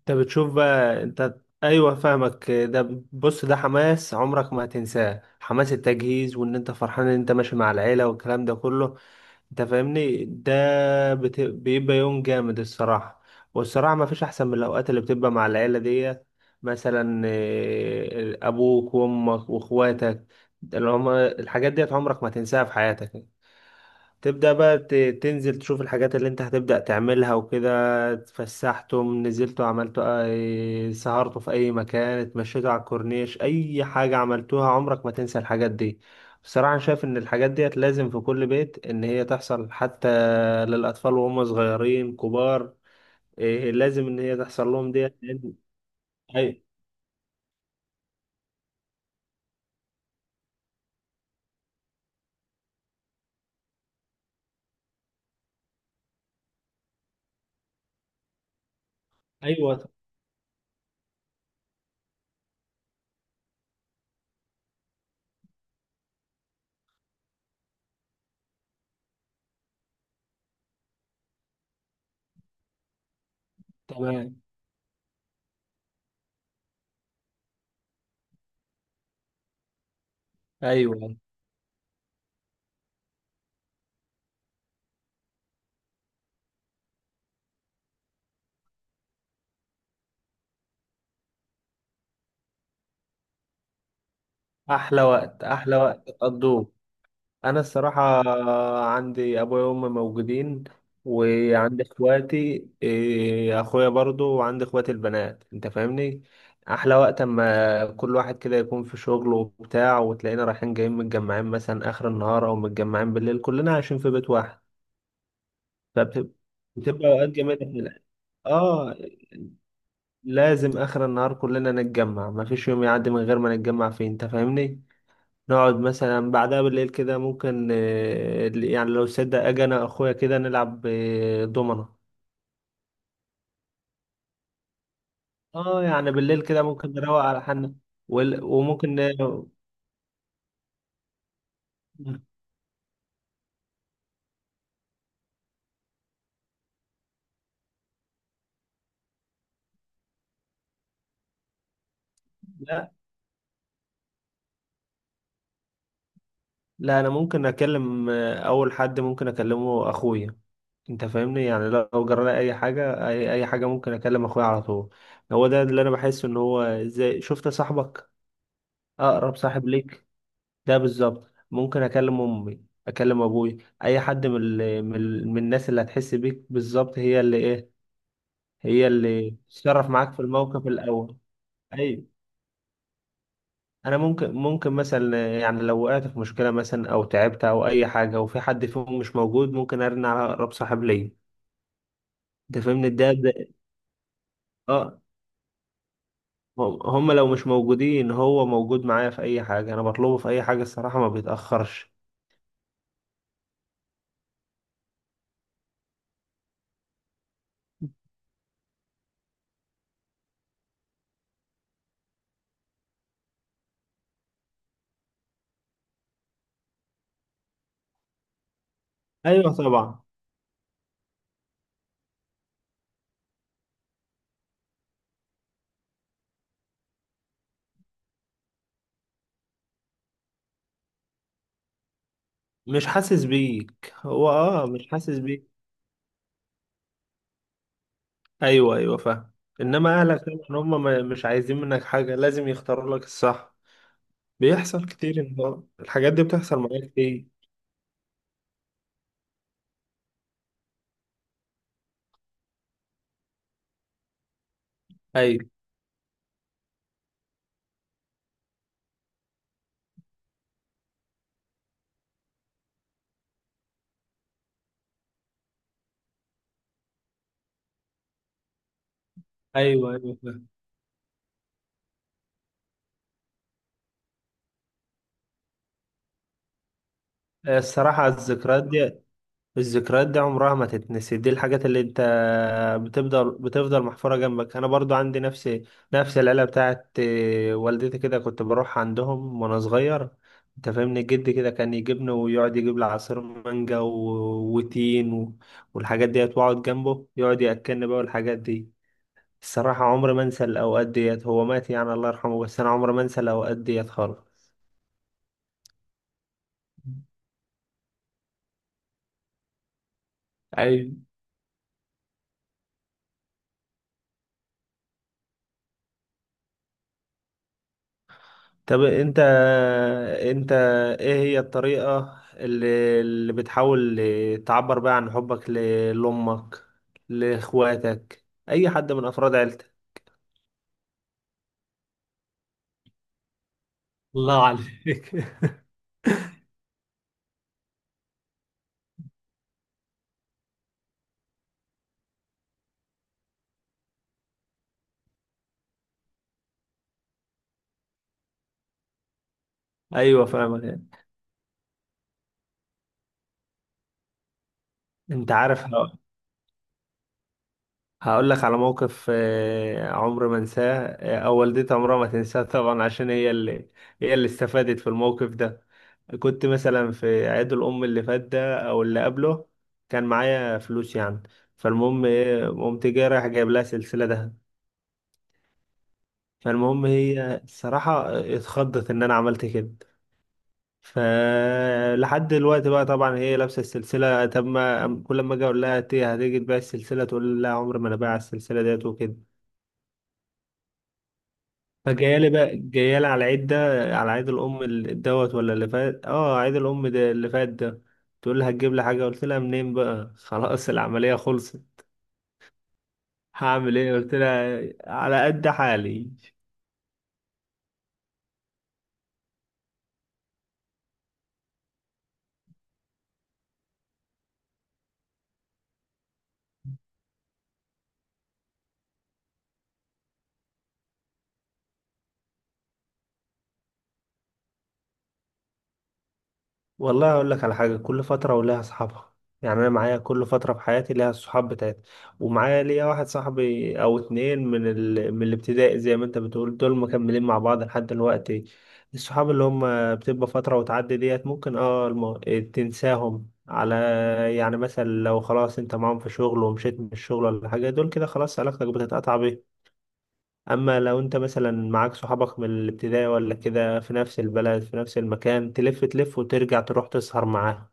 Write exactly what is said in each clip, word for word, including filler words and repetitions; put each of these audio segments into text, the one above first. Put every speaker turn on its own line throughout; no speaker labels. انت بتشوف بقى، انت. ايوه، فاهمك. ده بص، ده حماس عمرك ما هتنساه، حماس التجهيز، وان انت فرحان ان انت ماشي مع العيله والكلام ده كله. انت فاهمني؟ ده بت... بيبقى يوم جامد، الصراحه. والصراحه ما فيش احسن من الاوقات اللي بتبقى مع العيله دي. مثلا إيه، ابوك وامك واخواتك، اللي هما الحاجات ديت عمرك ما تنساها في حياتك. تبدأ بقى ت- تنزل تشوف الحاجات اللي انت هتبدأ تعملها وكده. اتفسحتم، نزلتوا، عملتوا اي- سهرتوا في اي مكان، اتمشيتوا على الكورنيش، اي حاجة عملتوها عمرك ما تنسى الحاجات دي. بصراحة أنا شايف ان الحاجات ديت لازم في كل بيت ان هي تحصل، حتى للأطفال، وهم صغيرين كبار، إيه لازم ان هي تحصل لهم ديت لأن- أي- ايوه تمام. ايوه، احلى وقت، احلى وقت تقضوه. انا الصراحه عندي ابويا وامي موجودين، وعندي اخواتي، إيه، اخويا برضو، وعندي اخواتي البنات، انت فاهمني. احلى وقت اما كل واحد كده يكون في شغله وبتاع، وتلاقينا رايحين جايين متجمعين مثلا اخر النهار، او متجمعين بالليل كلنا عايشين في بيت واحد. فبتبقى اوقات جميله في الح- اه، لازم اخر النهار كلنا نتجمع، مفيش يوم يعدي من غير ما نتجمع فيه، انت فاهمني. نقعد مثلا بعدها بالليل كده، ممكن آه، يعني لو صدق اجي انا اخويا كده نلعب آه، دومنة. اه، يعني بالليل كده ممكن نروق على حالنا، وال- وممكن آه، لا لا، انا ممكن اكلم، آه، اول حد ممكن اكلمه اخويا. انت فاهمني، يعني لو جرى لي اي حاجه، اي اي حاجه ممكن اكلم اخويا على طول. هو ده اللي انا بحس ان هو زي شفت صاحبك، اقرب صاحب ليك. ده بالظبط، ممكن اكلم امي، اكلم ابوي، اي حد من ال... من, ال... من الناس اللي هتحس بيك بالظبط، هي اللي ايه هي اللي تتصرف معاك في الموقف الاول. اي، انا ممكن ممكن مثلا، يعني لو وقعت في مشكله مثلا او تعبت او اي حاجه وفي حد فيهم مش موجود، ممكن ارن على اقرب صاحب ليا. انت فاهمني، ده ده. اه. هم هم لو مش موجودين، هو موجود معايا في اي حاجه، انا بطلبه في اي حاجه الصراحه ما بيتاخرش. ايوه طبعا. مش حاسس بيك هو، اه مش حاسس بيك. ايوه ايوه، فاهم. انما اهلك، طبعا هم ما- مش عايزين منك حاجه، لازم يختاروا لك الصح. بيحصل كتير، إن هو- الحاجات دي بتحصل معايا كتير. ايوه ايوه ايوه فاهم. الصراحه الذكريات دي الذكريات دي عمرها ما تتنسي، دي الحاجات اللي انت بتفضل بتفضل محفورة جنبك. انا برضو عندي نفس نفس العيلة بتاعت اه، والدتي، كده كنت بروح عندهم وانا صغير. انت فاهمني، جدي كده كان يجيبني ويقعد يجيب لي عصير مانجا و- وتين و... والحاجات ديت، واقعد جنبه يقعد ياكلني بقى والحاجات دي. الصراحة عمري ما انسى الاوقات ديت، هو مات يعني، الله يرحمه، بس انا عمري ما انسى الاوقات ديت خالص. ايوه. طب انت انت ايه هي الطريقة اللي, اللي بتحاول تعبر بيها عن حبك ل- لأمك، لإخواتك، أي حد من أفراد عيلتك؟ الله عليك أيوة فاهمك. انت عارف، هقول لك على موقف آه، عمر ما انساه، آه، او والدتي عمرها ما تنساه، طبعا عشان هي اللي هي اللي استفادت في الموقف ده. كنت مثلا في عيد الام اللي فات ده او اللي قبله، كان معايا فلوس يعني. فالمهم ايه قمت جاي رايح جايب لها سلسله ده. فالمهم هي الصراحه اتخضت ان انا عملت كده. فلحد دلوقتي بقى، طبعا هي لابسه السلسله. طب ما كل ما اجي اقول لها "إنت هتيجي تبيع السلسله؟" تقول لي لا، عمر ما انا بايع السلسله ديت، وكده. فجايالي بقى جايالي على العيد ده، على عيد الأم ال- دوت، ولا اللي فات. اه، عيد الأم ده اللي فات ده. تقول لي هتجيب لي حاجة؟ قلت لها منين بقى خلاص العملية خلصت، هعمل ايه؟ قلت لها على قد حالي. والله اقول لك على حاجه، كل فتره ولها اصحابها. يعني انا معايا كل فتره في حياتي ليها الصحاب بتاعتي. ومعايا ليا واحد صاحبي او اتنين من ال... من الابتدائي، زي ما انت بتقول، دول مكملين مع بعض لحد دلوقتي. الصحاب اللي هم بتبقى فتره وتعدي ديت ممكن اه الم... تنساهم على. يعني مثلا لو خلاص انت معاهم في شغل ومشيت من الشغل ولا حاجه، دول كده خلاص علاقتك بتتقطع بيهم. اما لو انت مثلا معاك صحابك من الابتدائي ولا كده في نفس البلد، في نفس المكان، تلف تلف وترجع تروح تسهر معاهم.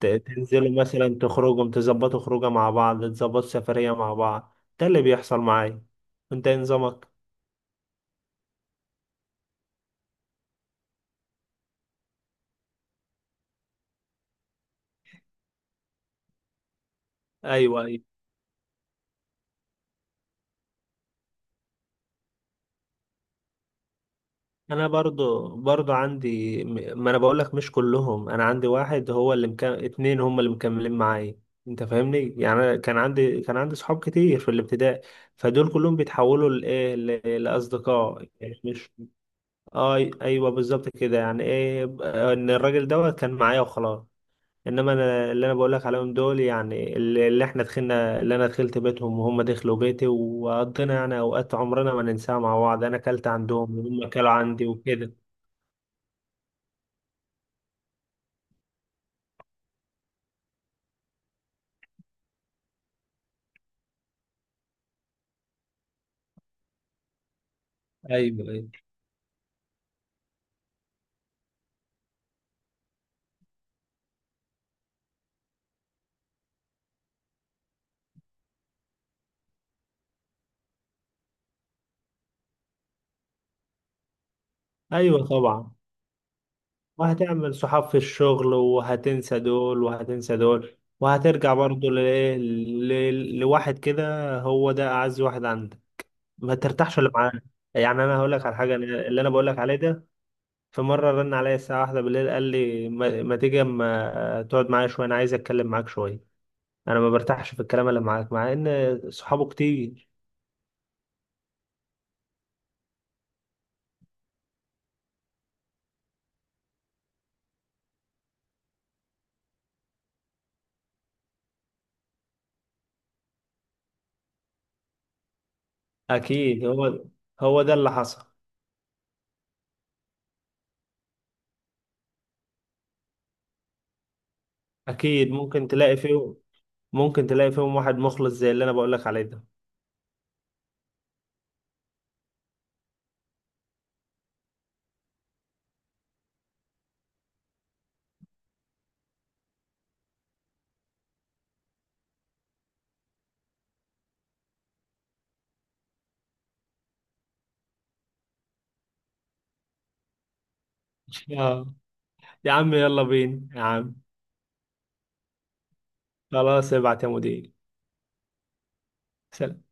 ت- تنزلوا مثلا تخرجوا، تظبطوا خروجه مع بعض، تظبطوا سفرية مع بعض. ده اللي بيحصل معايا. انت إيه نظامك؟ ايوه ايوه. انا برضو برضو عندي م- ما انا بقول لك، مش كلهم. انا عندي واحد هو اللي مكمل، اتنين هم اللي مكملين معايا. انت فاهمني، يعني أنا كان عندي كان عندي صحاب كتير في الابتدائي. فدول كلهم بيتحولوا لايه ل- لاصدقاء، يعني مش. اي، ايوه، بالظبط كده. يعني ايه ب- ان الراجل دوت كان معايا وخلاص. انما انا، اللي انا بقول لك عليهم دول، يعني اللي اللي احنا دخلنا، اللي انا دخلت بيتهم وهم دخلوا بيتي وقضينا يعني اوقات عمرنا ما ننساها مع بعض، انا اكلت عندهم وهم اكلوا عندي وكده. ايوه ايوه. ايوه طبعا، وهتعمل صحاب في الشغل، وهتنسى دول وهتنسى دول، وهترجع برضه لايه ل- لواحد كده، هو ده اعز واحد عندك، ما ترتاحش اللي معاه. يعني انا هقول لك على حاجه، أنا- اللي انا بقول لك عليه ده، في مرة رن عليا الساعة واحدة بالليل قال لي ما, ما تيجي اما تقعد معايا شوية، أنا عايز أتكلم معاك شوية، أنا ما برتاحش في الكلام اللي معاك، مع إن صحابه كتير. أكيد هو هو ده اللي حصل. أكيد ممكن تلاقي فيهم ممكن تلاقي فيهم واحد مخلص زي اللي أنا بقولك عليه ده. اه، يا عم يلا بينا يا عم. خلاص ابعت يا مدير. سلام.